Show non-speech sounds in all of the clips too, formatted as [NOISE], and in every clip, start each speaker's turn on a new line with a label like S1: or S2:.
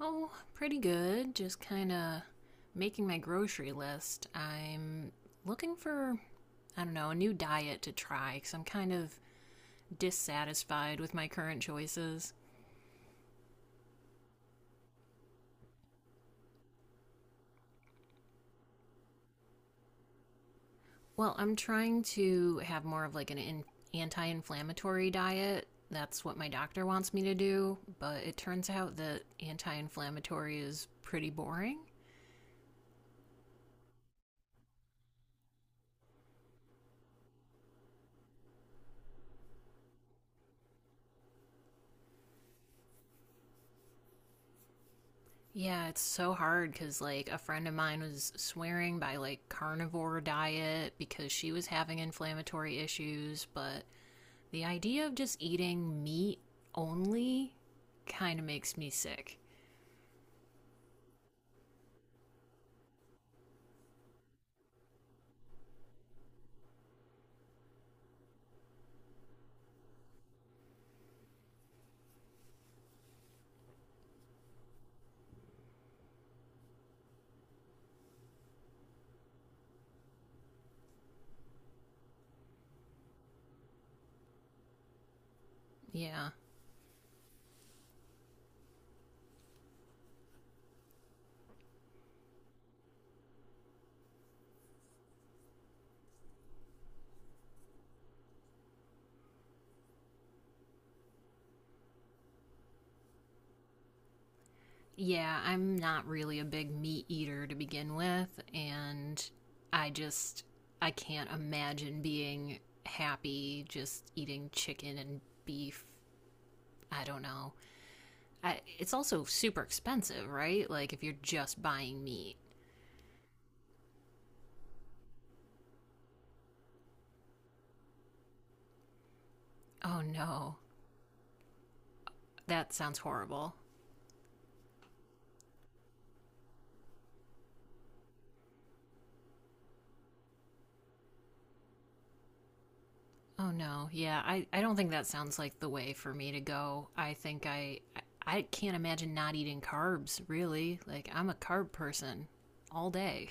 S1: Oh, pretty good. Just kind of making my grocery list. I'm looking for, I don't know, a new diet to try because I'm kind of dissatisfied with my current choices. Well, I'm trying to have more of like an anti inflammatory diet. That's what my doctor wants me to do, but it turns out that anti inflammatory is pretty boring. Yeah, it's so hard because, like, a friend of mine was swearing by, like, carnivore diet because she was having inflammatory issues. But the idea of just eating meat only kind of makes me sick. Yeah. Yeah, I'm not really a big meat eater to begin with. And I just, I can't imagine being happy just eating chicken and beef. I don't know. It's also super expensive, right? Like if you're just buying meat. Oh no, that sounds horrible. Oh no, yeah, I don't think that sounds like the way for me to go. I think I can't imagine not eating carbs, really. Like I'm a carb person all day.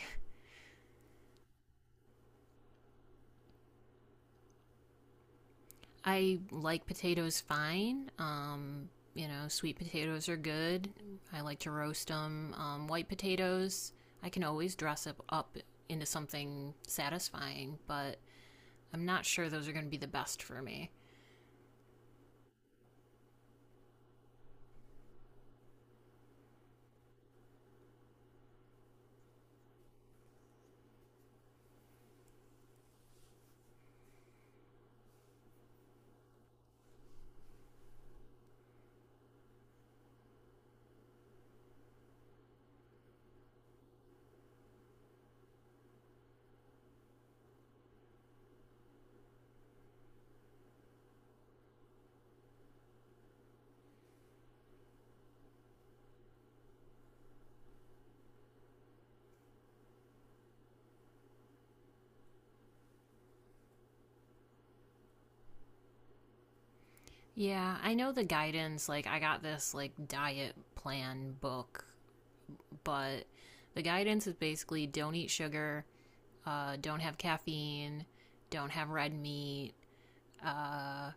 S1: [LAUGHS] I like potatoes fine. You know, sweet potatoes are good. I like to roast them. White potatoes, I can always dress up into something satisfying, but I'm not sure those are going to be the best for me. Yeah, I know the guidance, like, I got this, like, diet plan book, but the guidance is basically don't eat sugar, don't have caffeine, don't have red meat. Uh,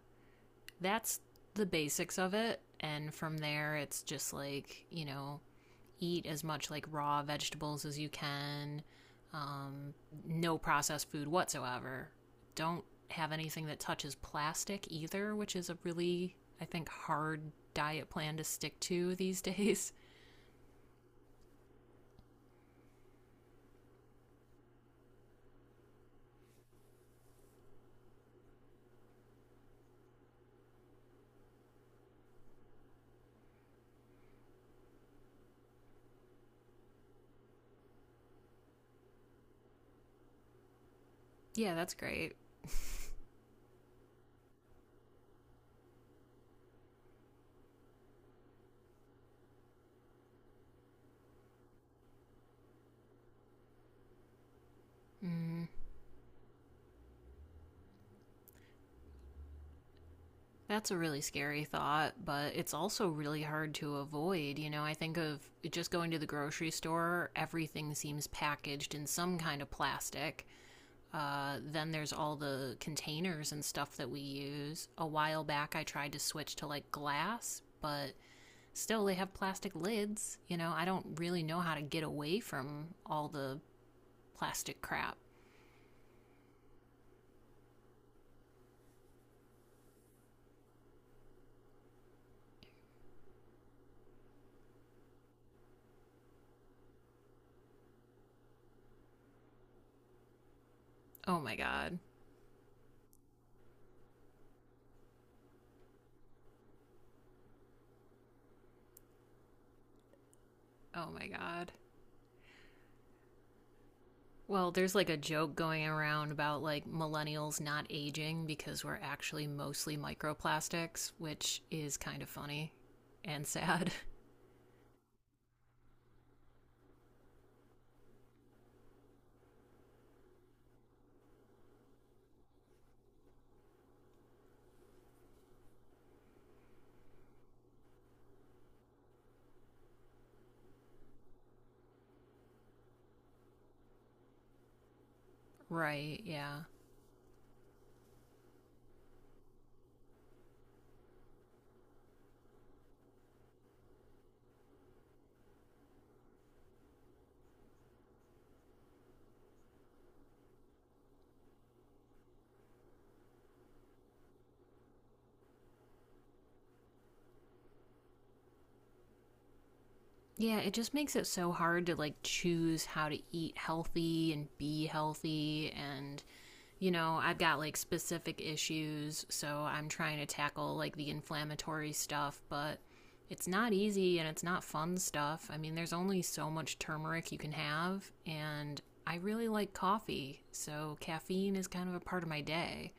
S1: that's the basics of it. And from there, it's just like, you know, eat as much like raw vegetables as you can. Um, no processed food whatsoever. Don't have anything that touches plastic either, which is a really, I think, hard diet plan to stick to [LAUGHS] these days. Yeah, that's great. [LAUGHS] mm, that's a really scary thought, but it's also really hard to avoid. You know, I think of just going to the grocery store, everything seems packaged in some kind of plastic. Then there's all the containers and stuff that we use. A while back, I tried to switch to like glass, but still they have plastic lids. You know, I don't really know how to get away from all the plastic crap. Oh my god. Oh my god. Well, there's like a joke going around about like millennials not aging because we're actually mostly microplastics, which is kind of funny and sad. [LAUGHS] Right, yeah. Yeah, it just makes it so hard to like choose how to eat healthy and be healthy, and you know, I've got like specific issues, so I'm trying to tackle like the inflammatory stuff, but it's not easy and it's not fun stuff. I mean, there's only so much turmeric you can have, and I really like coffee, so caffeine is kind of a part of my day.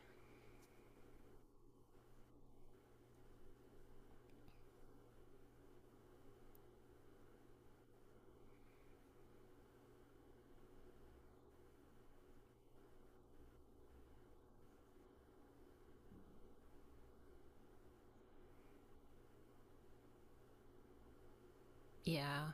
S1: Yeah.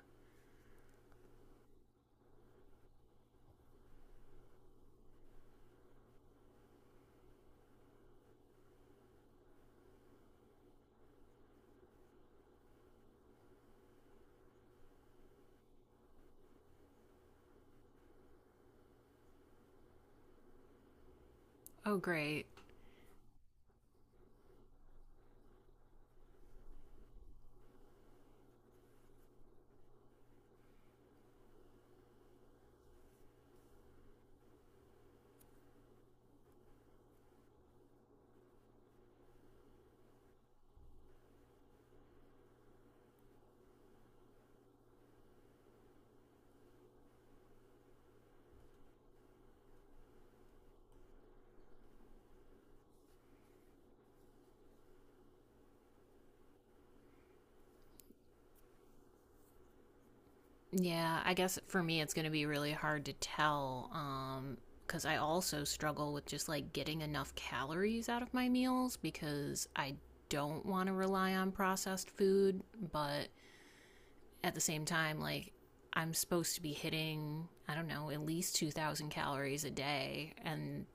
S1: Oh, great. Yeah, I guess for me it's going to be really hard to tell cuz I also struggle with just like getting enough calories out of my meals because I don't want to rely on processed food, but at the same time like I'm supposed to be hitting, I don't know, at least 2000 calories a day and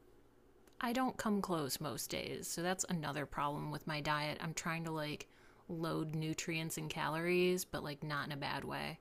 S1: I don't come close most days. So that's another problem with my diet. I'm trying to like load nutrients and calories, but like not in a bad way.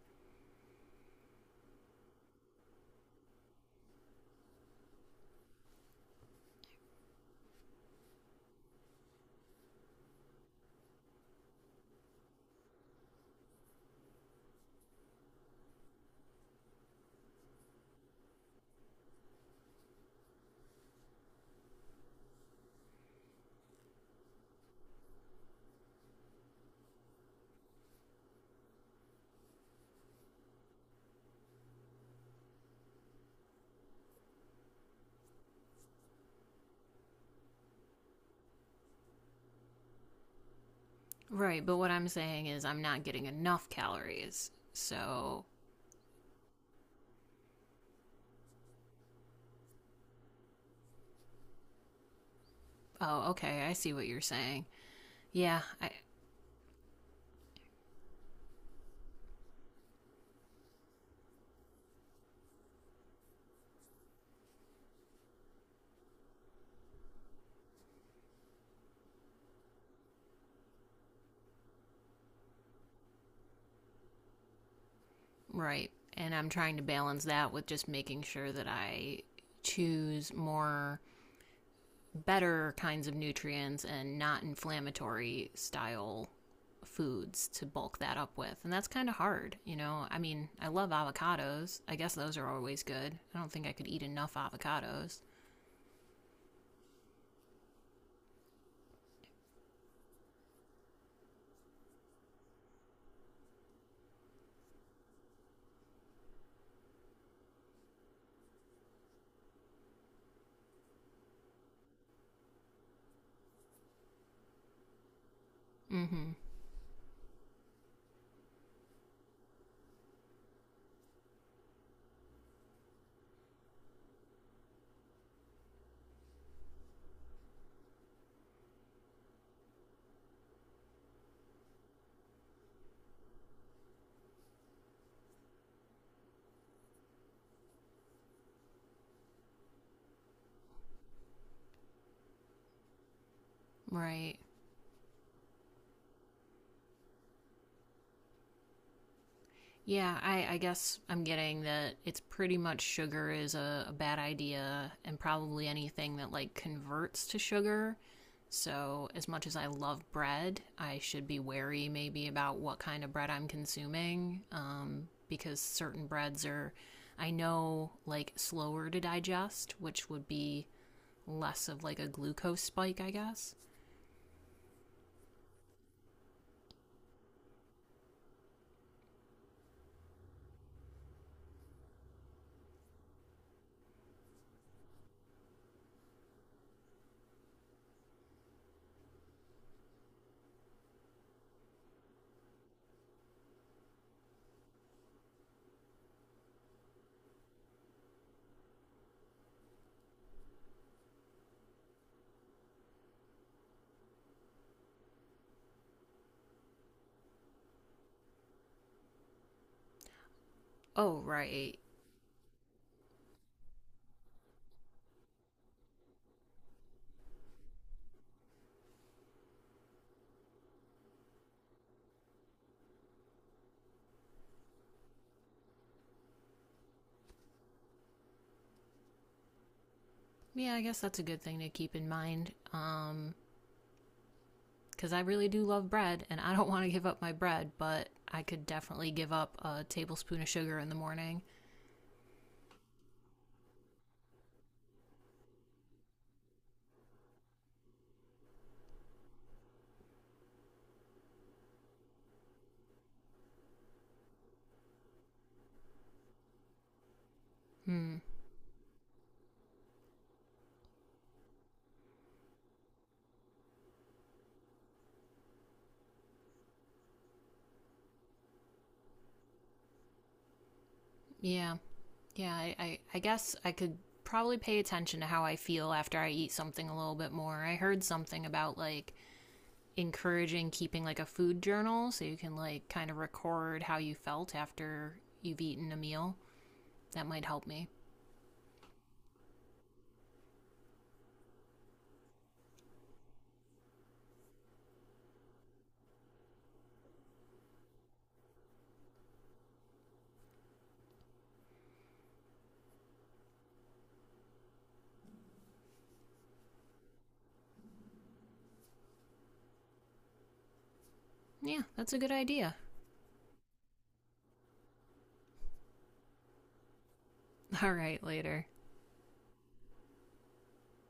S1: Right, but what I'm saying is I'm not getting enough calories. So, oh, okay, I see what you're saying. Yeah, I, right. And I'm trying to balance that with just making sure that I choose more better kinds of nutrients and not inflammatory style foods to bulk that up with. And that's kind of hard, you know. I mean, I love avocados. I guess those are always good. I don't think I could eat enough avocados. Mm. Mhm. Right. Yeah, I guess I'm getting that it's pretty much sugar is a bad idea, and probably anything that like converts to sugar. So, as much as I love bread, I should be wary maybe about what kind of bread I'm consuming because certain breads are, I know, like slower to digest, which would be less of like a glucose spike, I guess. Oh, right. Yeah, I guess that's a good thing to keep in mind. Because I really do love bread and I don't [LAUGHS] want to give up my bread, but I could definitely give up a tablespoon of sugar in the morning. Hmm. Yeah. Yeah. I guess I could probably pay attention to how I feel after I eat something a little bit more. I heard something about like encouraging keeping like a food journal so you can like kind of record how you felt after you've eaten a meal. That might help me. Yeah, that's a good idea. [LAUGHS] All right, later.